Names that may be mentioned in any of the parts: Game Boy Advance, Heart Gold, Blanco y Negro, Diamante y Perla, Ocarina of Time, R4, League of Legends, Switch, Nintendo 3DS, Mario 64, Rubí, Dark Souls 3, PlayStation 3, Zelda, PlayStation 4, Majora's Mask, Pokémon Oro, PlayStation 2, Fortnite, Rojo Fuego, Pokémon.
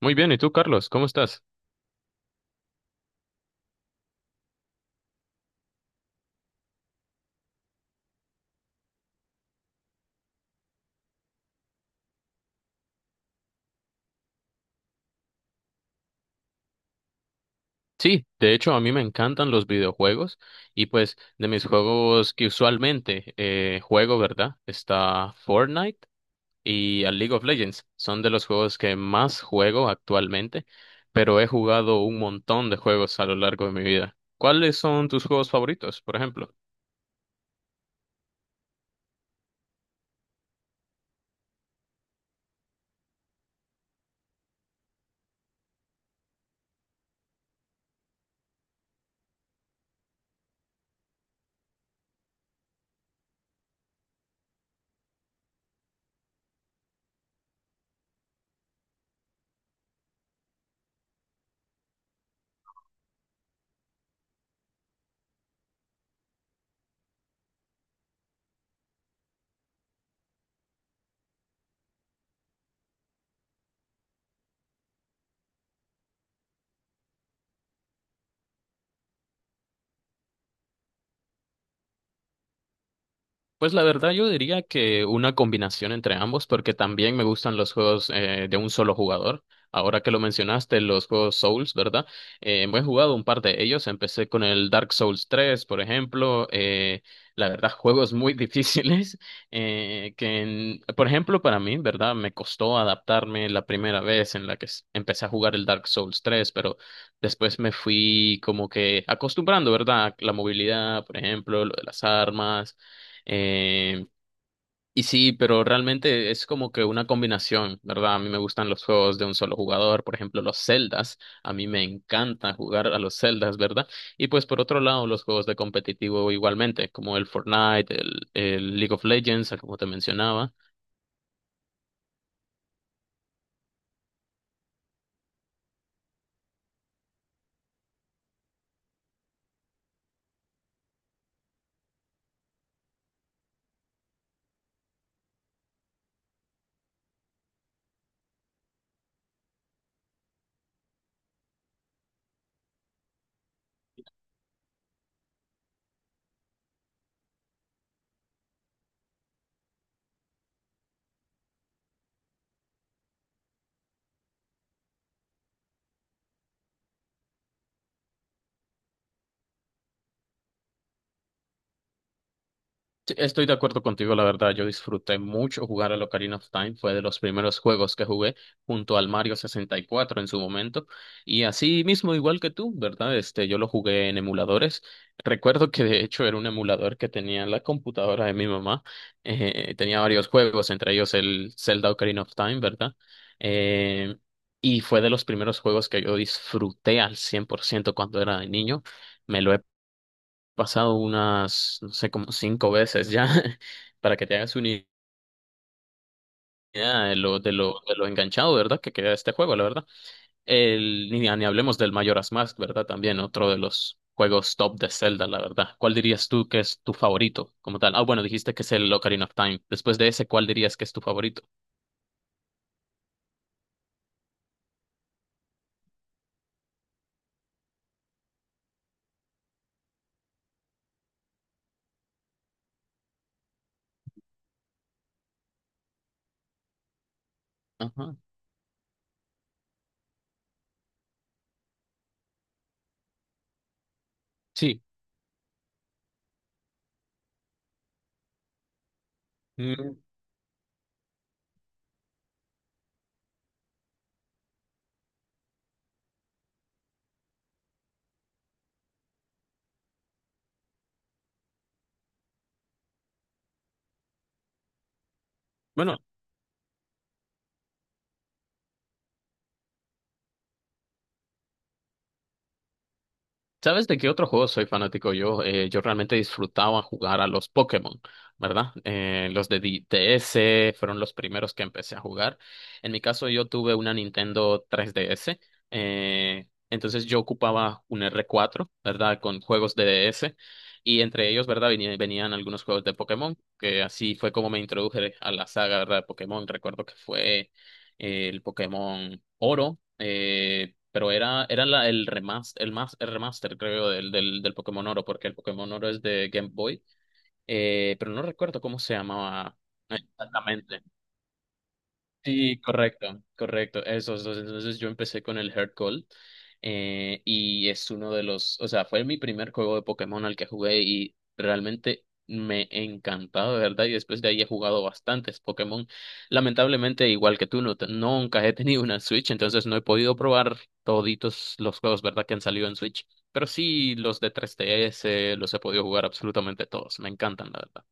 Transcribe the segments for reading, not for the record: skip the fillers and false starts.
Muy bien, ¿y tú, Carlos? ¿Cómo estás? Sí, de hecho, a mí me encantan los videojuegos y pues de mis juegos que usualmente juego, ¿verdad? Está Fortnite y a League of Legends. Son de los juegos que más juego actualmente, pero he jugado un montón de juegos a lo largo de mi vida. ¿Cuáles son tus juegos favoritos, por ejemplo? Pues la verdad yo diría que una combinación entre ambos, porque también me gustan los juegos de un solo jugador. Ahora que lo mencionaste, los juegos Souls, ¿verdad? Me he jugado un par de ellos. Empecé con el Dark Souls 3, por ejemplo. La verdad, juegos muy difíciles que, por ejemplo, para mí, ¿verdad? Me costó adaptarme la primera vez en la que empecé a jugar el Dark Souls 3, pero después me fui como que acostumbrando, ¿verdad? La movilidad, por ejemplo, lo de las armas, eh, y sí, pero realmente es como que una combinación, ¿verdad? A mí me gustan los juegos de un solo jugador, por ejemplo, los Zeldas, a mí me encanta jugar a los Zeldas, ¿verdad? Y pues por otro lado, los juegos de competitivo igualmente, como el Fortnite, el League of Legends, como te mencionaba. Sí, estoy de acuerdo contigo, la verdad. Yo disfruté mucho jugar al Ocarina of Time. Fue de los primeros juegos que jugué junto al Mario 64 en su momento. Y así mismo, igual que tú, ¿verdad? Este, yo lo jugué en emuladores. Recuerdo que de hecho era un emulador que tenía en la computadora de mi mamá. Tenía varios juegos, entre ellos el Zelda Ocarina of Time, ¿verdad? Eh, y fue de los primeros juegos que yo disfruté al 100% cuando era niño. Me lo he pasado unas, no sé, como cinco veces ya, para que te hagas una idea de lo, de lo enganchado, ¿verdad? Que queda este juego, la verdad. El, ni, ni hablemos del Majora's Mask, ¿verdad? También otro de los juegos top de Zelda, la verdad. ¿Cuál dirías tú que es tu favorito como tal? Ah, bueno, dijiste que es el Ocarina of Time. Después de ese, ¿cuál dirías que es tu favorito? Ajá. Sí. Mm. Bueno, ¿sabes de qué otro juego soy fanático yo? Yo realmente disfrutaba jugar a los Pokémon, ¿verdad? DS fueron los primeros que empecé a jugar. En mi caso, yo tuve una Nintendo 3DS, entonces yo ocupaba un R4, ¿verdad? Con juegos de DS, y entre ellos, ¿verdad? Venían algunos juegos de Pokémon, que así fue como me introduje a la saga, ¿verdad? De Pokémon. Recuerdo que fue el Pokémon Oro. Pero era, era la, el remaster, el remaster, creo, del Pokémon Oro, porque el Pokémon Oro es de Game Boy. Pero no recuerdo cómo se llamaba exactamente. Sí, correcto, correcto. Esos dos. Entonces yo empecé con el Heart Gold, y es uno de los, o sea, fue mi primer juego de Pokémon al que jugué y realmente me encantaba, de verdad. Y después de ahí he jugado bastantes Pokémon. Lamentablemente, igual que tú, no, nunca he tenido una Switch, entonces no he podido probar toditos los juegos, ¿verdad? Que han salido en Switch. Pero sí, los de 3DS los he podido jugar absolutamente todos. Me encantan, la verdad.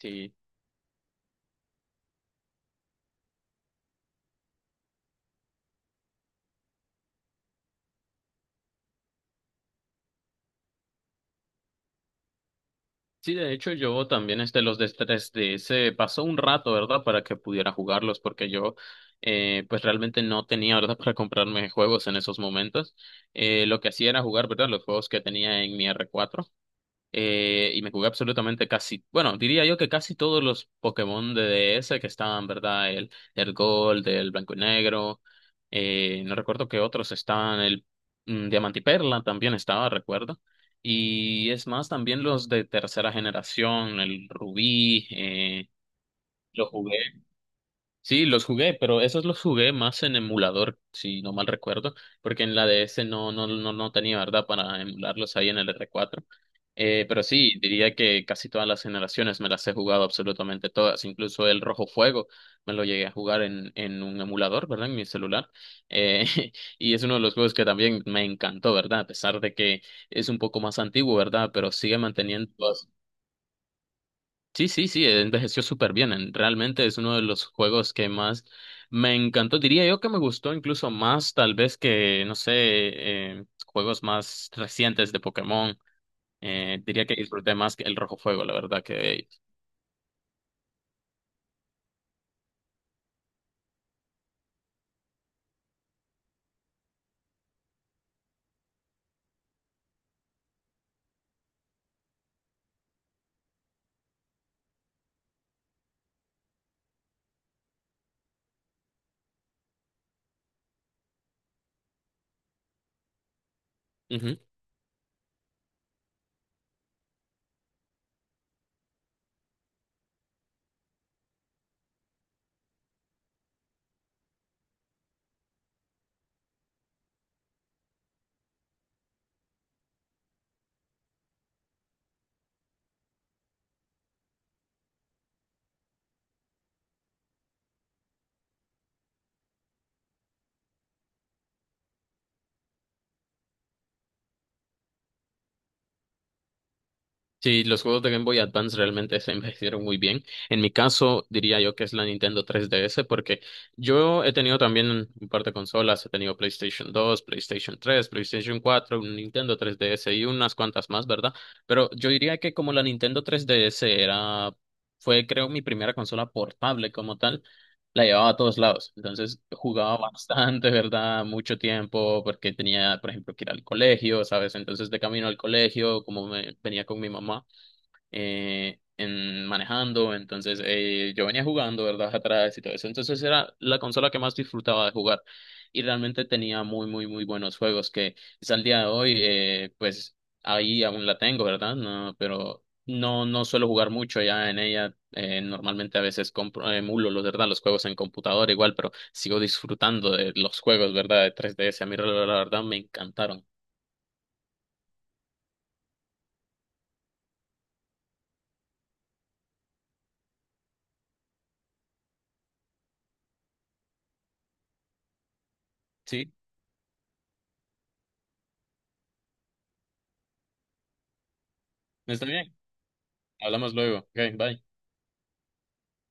Sí. Sí, de hecho yo también este los de 3DS pasó un rato, ¿verdad? Para que pudiera jugarlos, porque yo, pues realmente no tenía, ¿verdad? Para comprarme juegos en esos momentos. Lo que hacía era jugar, ¿verdad? Los juegos que tenía en mi R4, y me jugué absolutamente casi, bueno, diría yo que casi todos los Pokémon de DS que estaban, ¿verdad? El Gold, el Blanco y Negro, no recuerdo qué otros estaban, el mm, Diamante y Perla también estaba, recuerdo. Y es más, también los de tercera generación, el Rubí, lo jugué. Sí, los jugué, pero esos los jugué más en emulador, si no mal recuerdo, porque en la DS no tenía verdad para emularlos ahí en el R4. Pero sí, diría que casi todas las generaciones me las he jugado absolutamente todas, incluso el Rojo Fuego me lo llegué a jugar en un emulador, ¿verdad? En mi celular. Eh, y es uno de los juegos que también me encantó, ¿verdad? A pesar de que es un poco más antiguo, ¿verdad? Pero sigue manteniendo. Sí, sí, sí, envejeció súper bien. Realmente es uno de los juegos que más me encantó. Diría yo que me gustó incluso más, tal vez que, no sé, juegos más recientes de Pokémon. Diría que disfruté más que el Rojo Fuego, la verdad que... Ujú. Sí, los juegos de Game Boy Advance realmente se envejecieron muy bien. En mi caso, diría yo que es la Nintendo 3DS, porque yo he tenido también un par de consolas, he tenido PlayStation 2, PlayStation 3, PlayStation 4, un Nintendo 3DS y unas cuantas más, ¿verdad? Pero yo diría que como la Nintendo 3DS era, fue creo mi primera consola portable como tal, la llevaba a todos lados. Entonces jugaba bastante, ¿verdad? Mucho tiempo porque tenía, por ejemplo, que ir al colegio, ¿sabes? Entonces de camino al colegio, como me, venía con mi mamá en manejando, entonces yo venía jugando, ¿verdad? Atrás y todo eso, entonces era la consola que más disfrutaba de jugar y realmente tenía muy buenos juegos que es al día de hoy. Pues ahí aún la tengo, ¿verdad? No, pero no, no suelo jugar mucho ya en ella, normalmente a veces compro, emulo, los, ¿verdad? Los juegos en computadora igual, pero sigo disfrutando de los juegos, ¿verdad? De 3DS, a mí la verdad me encantaron. Sí, está bien, hablamos luego, ok, bye.